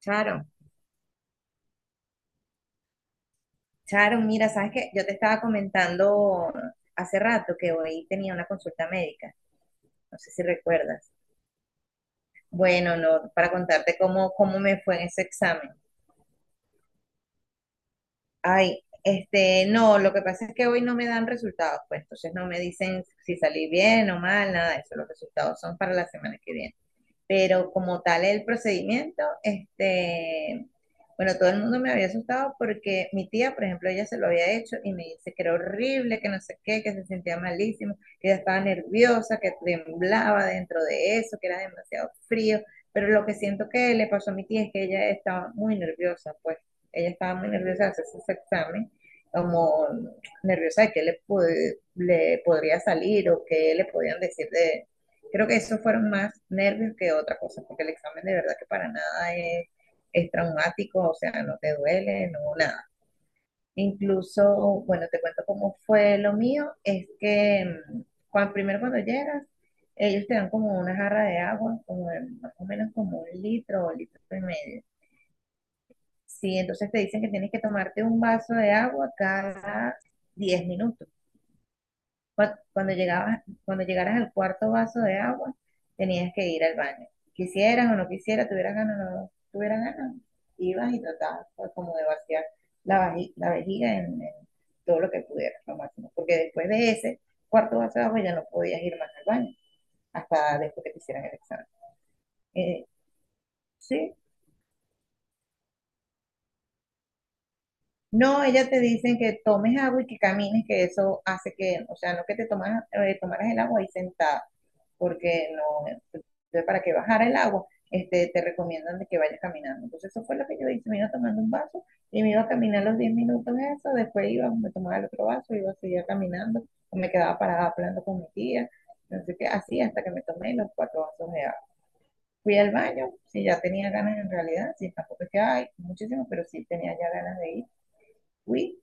Charo, Charo, mira, sabes que yo te estaba comentando hace rato que hoy tenía una consulta médica, no sé si recuerdas. Bueno, no, para contarte cómo me fue en ese examen. Ay, no, lo que pasa es que hoy no me dan resultados, pues entonces no me dicen si salí bien o mal, nada de eso, los resultados son para la semana que viene. Pero como tal el procedimiento, bueno, todo el mundo me había asustado porque mi tía, por ejemplo, ella se lo había hecho y me dice que era horrible, que no sé qué, que se sentía malísimo, que ella estaba nerviosa, que temblaba dentro de eso, que era demasiado frío, pero lo que siento que le pasó a mi tía es que ella estaba muy nerviosa, pues ella estaba muy nerviosa de hacerse ese examen, como nerviosa de qué le, le podría salir o qué le podían decir de. Creo que esos fueron más nervios que otra cosa, porque el examen de verdad que para nada es, es traumático, o sea, no te duele, no, nada. Incluso, bueno, te cuento cómo fue lo mío, es que mm, primero cuando llegas, ellos te dan como una jarra de agua, como más o menos como un litro o litro y medio. Sí, entonces te dicen que tienes que tomarte un vaso de agua cada 10 minutos. Cuando llegabas, cuando llegaras al cuarto vaso de agua, tenías que ir al baño. Quisieras o no quisieras, tuvieras ganas o no tuvieras ganas, ibas y tratabas pues, como de vaciar la vejiga en todo lo que pudieras, lo máximo. Porque después de ese cuarto vaso de agua ya no podías ir más al baño, hasta después que te hicieran el examen. Eh, sí. No, ellas te dicen que tomes agua y que camines, que eso hace que, o sea, no que te tomas, tomaras el agua ahí sentada porque no, para que bajara el agua, te recomiendan de que vayas caminando. Entonces eso fue lo que yo hice, me iba tomando un vaso y me iba a caminar los 10 minutos eso, después iba, me tomaba el otro vaso, iba a seguir caminando, me quedaba parada hablando con mi tía, entonces que así hasta que me tomé los cuatro vasos de agua. Fui al baño, sí ya tenía ganas en realidad, sí tampoco es que hay muchísimo, pero sí tenía ya ganas de ir, fui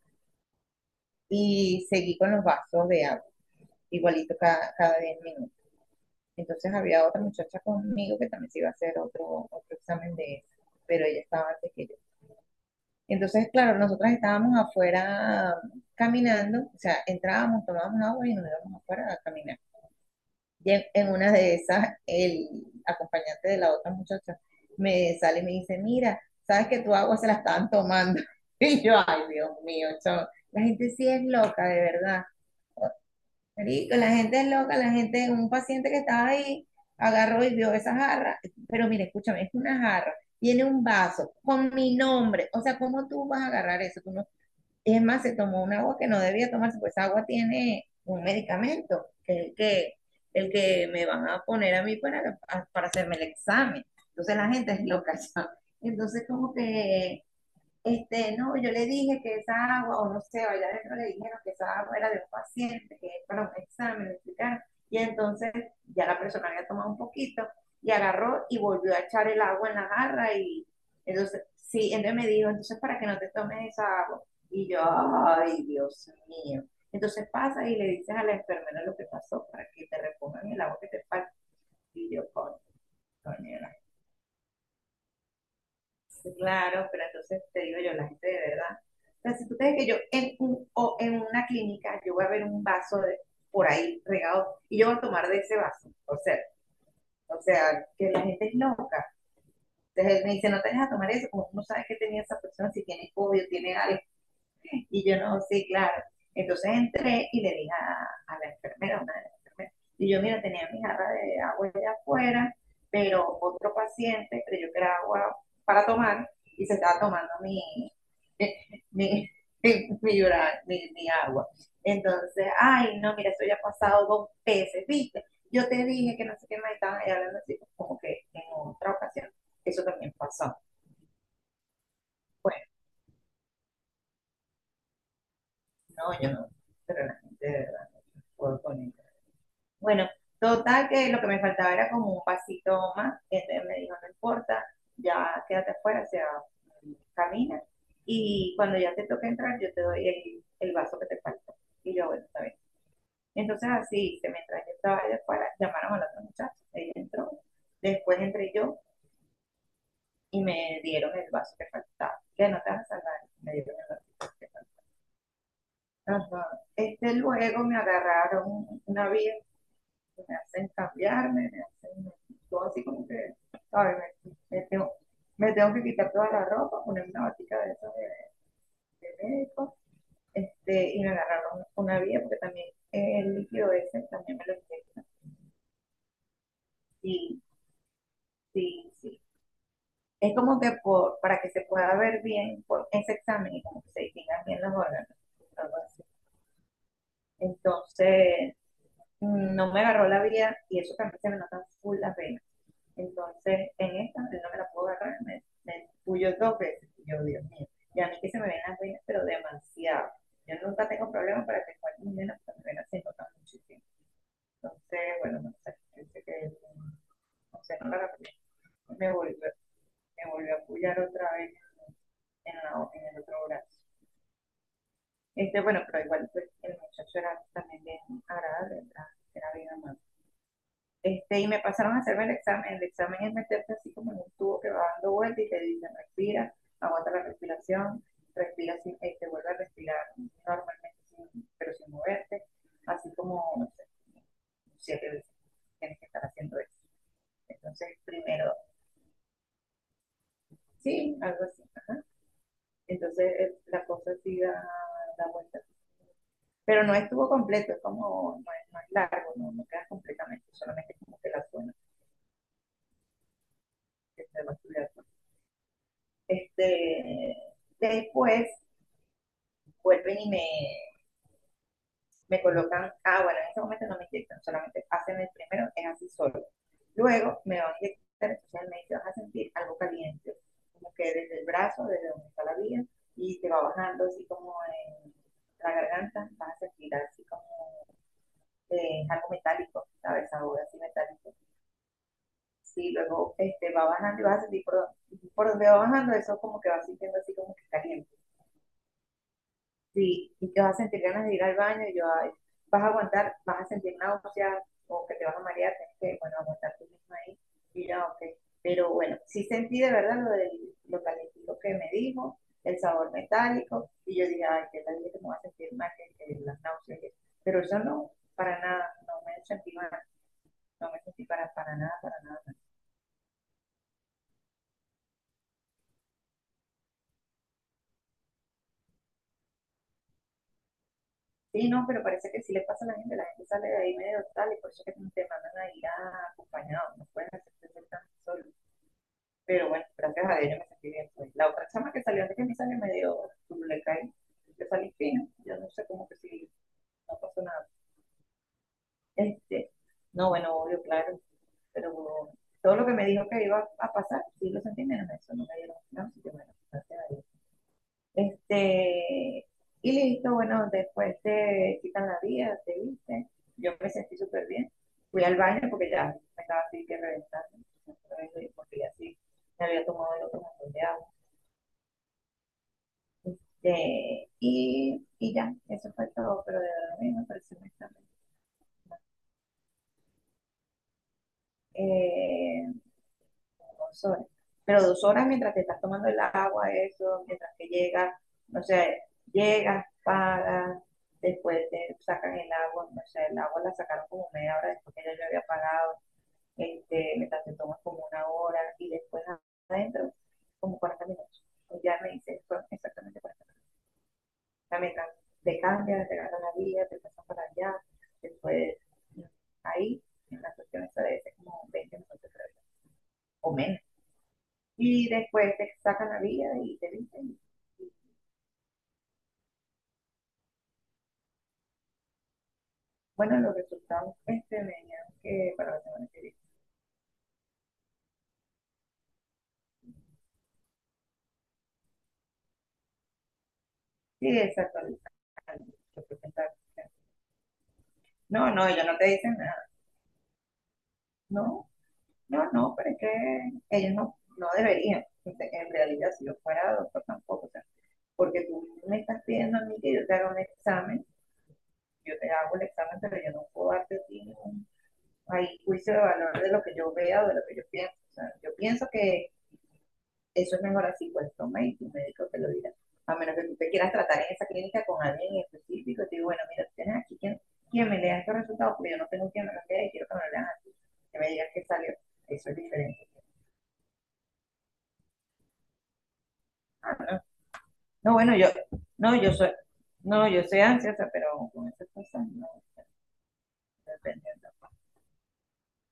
y seguí con los vasos de agua, igualito cada 10 minutos. Entonces había otra muchacha conmigo que también se iba a hacer otro examen de eso, pero ella estaba antes que yo. Entonces, claro, nosotras estábamos afuera caminando, o sea, entrábamos, tomábamos agua y nos íbamos afuera a caminar. Y en una de esas, el acompañante de la otra muchacha me sale y me dice, mira, sabes que tu agua se la estaban tomando. Y yo, ay, Dios mío, chavo, la gente sí es loca, de verdad. Marico, la gente es loca, la gente, un paciente que estaba ahí, agarró y vio esa jarra, pero mire, escúchame, es una jarra, tiene un vaso con mi nombre, o sea, ¿cómo tú vas a agarrar eso? Tú no. Es más, se tomó un agua que no debía tomarse, pues esa agua tiene un medicamento, que es el que me van a poner a mí para hacerme el examen. Entonces la gente es loca, ¿sabes? Entonces como que no, yo le dije que esa agua, o no sé, o allá adentro le dijeron que esa agua era de un paciente, que es para un examen, explicaron. Y entonces ya la persona había tomado un poquito y agarró y volvió a echar el agua en la jarra y entonces, sí, entonces me dijo, entonces para que no te tomes esa agua. Y yo, ay, Dios mío. Entonces pasa y le dices a la enfermera lo que pasó para que te repongan el agua que te falta. Y yo, coño, coño. Claro, pero entonces te digo yo, la gente de verdad. O sea, si tú crees que yo en, un, o en una clínica, yo voy a ver un vaso de, por ahí regado y yo voy a tomar de ese vaso. o sea que la gente es loca. Entonces él me dice, no te dejes a tomar eso, como no sabes que tenía esa persona, si tiene COVID, tiene algo. Y yo no, sí, claro. Entonces entré y le dije a la enfermera, una de las enfermeras, y yo, mira, tenía mi jarra de agua allá afuera, pero otro paciente creyó que era agua para tomar y se estaba tomando mi, mi, mi agua. Entonces, ay, no, mira, eso ya ha pasado dos veces, ¿viste? Yo te dije que no sé qué más estaban ahí hablando así, pues, como que en otra ocasión. Eso también pasó. Bueno, no, yo no, pero la gente de verdad puedo poner. Bueno, total que lo que me faltaba era como un pasito más. Entonces me dijo, no importa, ya quédate afuera, o sea, camina. Y cuando ya te toque entrar, yo te doy el vaso que te falta. Y yo, bueno, está bien. Entonces así, hice, mientras yo estaba allá afuera, llamaron al otro muchacho, él entró, después entré yo y me dieron el vaso que faltaba. Que no te vas a salvar, me dieron el vaso que faltaba. Ajá. Luego me agarraron una vieja, me hacen cambiarme, me hacen todo así como que, ¿sabes? Me, me tengo, me tengo que quitar toda la ropa, poner una batica de esas de médico, y me agarraron una vía porque también el líquido ese también me lo inyectan. Sí, sí, sí. Es como que por, para que se pueda ver bien por ese examen y como que se distingan bien los órganos, algo así. Entonces, no me agarró la vía y eso también se me notan full las venas. Entonces, en esta, él no me la puedo agarrar, me puyó dos veces. Y yo, Dios mío, y a mí que se me ven las venas, pero demasiado. Yo nunca tengo problemas para que cualquier mujer pero me venas se notan muchísimo. Entonces, bueno, no sé, yo que, no sé, no la agarré. Me volvió, me volvió a puyar otra vez en, la, en el otro brazo. Bueno, pero igual pues, el muchacho era también bien agradable, era, era bien amable. Y me pasaron a hacerme el examen. El examen es meterte así como en un tubo que va dando vuelta y te dicen respira, aguanta la respiración, respira sin, vuelve a respirar normalmente, pero sin moverte, así como, no sé, siete veces tienes que estar haciendo eso. Entonces, primero, sí, algo así, ajá. Entonces, la cosa sí da vuelta. Pero no estuvo completo, es como, no es, largo, no, no quedas completamente, solamente como que la zona que se va a estudiar. Este, después vuelven y me colocan, ah, bueno, en ese momento no me inyectan, solamente hacen el primero, es así solo. Luego me van a inyectar, entonces me vas a sentir algo caliente, como que desde el brazo, desde donde está la vía, y te va bajando así como en la garganta, vas a sentir así como algo metálico, ¿sabes? Sabor así metálico. Sí, luego va bajando y vas a sentir por donde va bajando, eso como que vas sintiendo así como que caliente. Sí, y te vas a sentir ganas de ir al baño y yo, ay, vas a aguantar, vas a sentir náuseas o que te vas a marear, tienes que, bueno, aguantar tú mismo ahí. Y yo, ok. Pero bueno, sí sentí de verdad lo calentito que me dijo, el sabor metálico, y yo dije, ay, qué tal que me voy a sentir mal, que las náuseas. Y eso. Pero yo no, para nada, no me sentí mal, no me sentí para nada, para nada. Sí, no, pero parece que si le pasa a la gente sale de ahí medio tal, y por eso que te mandan a ir acompañado, no puedes hacerte tan solo. Pero bueno, gracias a Dios yo me sentí bien. Pues. La otra chama que salió antes que me salió medio turuleca y yo salí fino. Yo no sé cómo que si no pasó nada. Este, no, bueno, obvio, claro. Pero todo lo que me dijo que iba a pasar, sí lo sentí menos. Eso no me dieron nada, así que bueno, gracias a Dios. Este, y listo, bueno, después te quitan la vía, te viste. Yo me sentí súper bien. Fui al baño porque ya me estaba así que reventando. Porque ya sí me había tomado el otro montón de agua. Y ya, eso fue todo, pero de verdad a mí me pareció muy tarde. Eh, 2 horas. Pero 2 horas mientras te estás tomando el agua, eso, mientras que llegas, no sé, llegas, pagas, después te sacan el agua, no sé, el agua la sacaron como media hora después que ya yo había pagado, mientras te tomas como 1 hora y después adentro, como 40 minutos. Pues ya me hice, fueron exactamente 40 minutos. O sea, mientras te cambias, te ganas la vida, te pasas para allá, después no, ahí, en la cuestión esa debe ser como 20 minutos o menos. Y después te sacan la vida y te dicen, y, bueno, los resultados me dijeron que para la semana que viene. Sí, exacto. No, no, ellos no te dicen nada. No, no, no, pero es que ellos no, no deberían. En realidad, si yo fuera doctor, tampoco. O sea, porque tú me estás pidiendo a mí que yo te haga un examen, yo te hago el examen, pero yo no puedo darte a ti ningún ahí, juicio de valor de lo que yo vea o de lo que yo pienso. O sea, yo pienso que eso es mejor así, pues toma y tu médico te lo dirá. A menos que tú te quieras tratar en esa clínica con alguien en específico, te digo, bueno, mira, tienes aquí quien, me lea estos resultados, porque yo no tengo quien me los lea y quiero que me lo lean así. Que me digas que salió. Eso es diferente. No, no bueno, yo, no, yo soy, no, yo soy ansiosa, pero con esas cosas no, depende.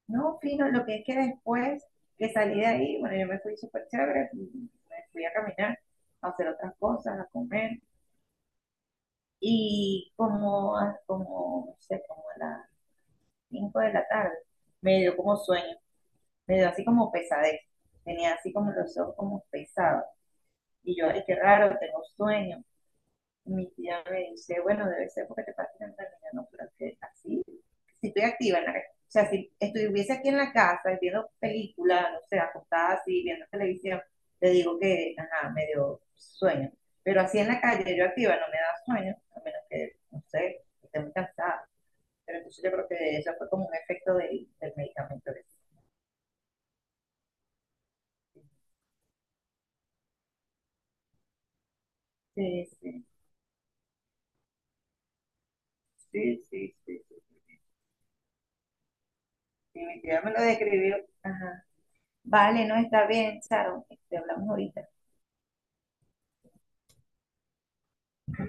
No, fino, lo que es que después que salí de ahí, bueno, yo me fui súper chévere, me fui a caminar, a hacer otras cosas, a comer. Y como, como, no sé, como a las 5 de la tarde, me dio como sueño, me dio así como pesadez, tenía así como los ojos como pesados. Y yo, ay, qué raro, tengo sueño. Mi tía me dice, bueno, debe ser porque te pasas en realidad, no, pero que así, si estoy activa en la o sea, si estuviese aquí en la casa viendo películas, no sé, acostada así, viendo televisión, le digo que, ajá, me dio sueño. Pero así en la calle, yo activa, no me da sueño, a menos que, no sé, esté muy cansada. Pero entonces yo creo que eso fue como un efecto del medicamento. Sí, sí, sí, sí, sí. Sí. Y mi tía me lo describió. Ajá. Vale, no está bien, Sharon, te hablamos ahorita.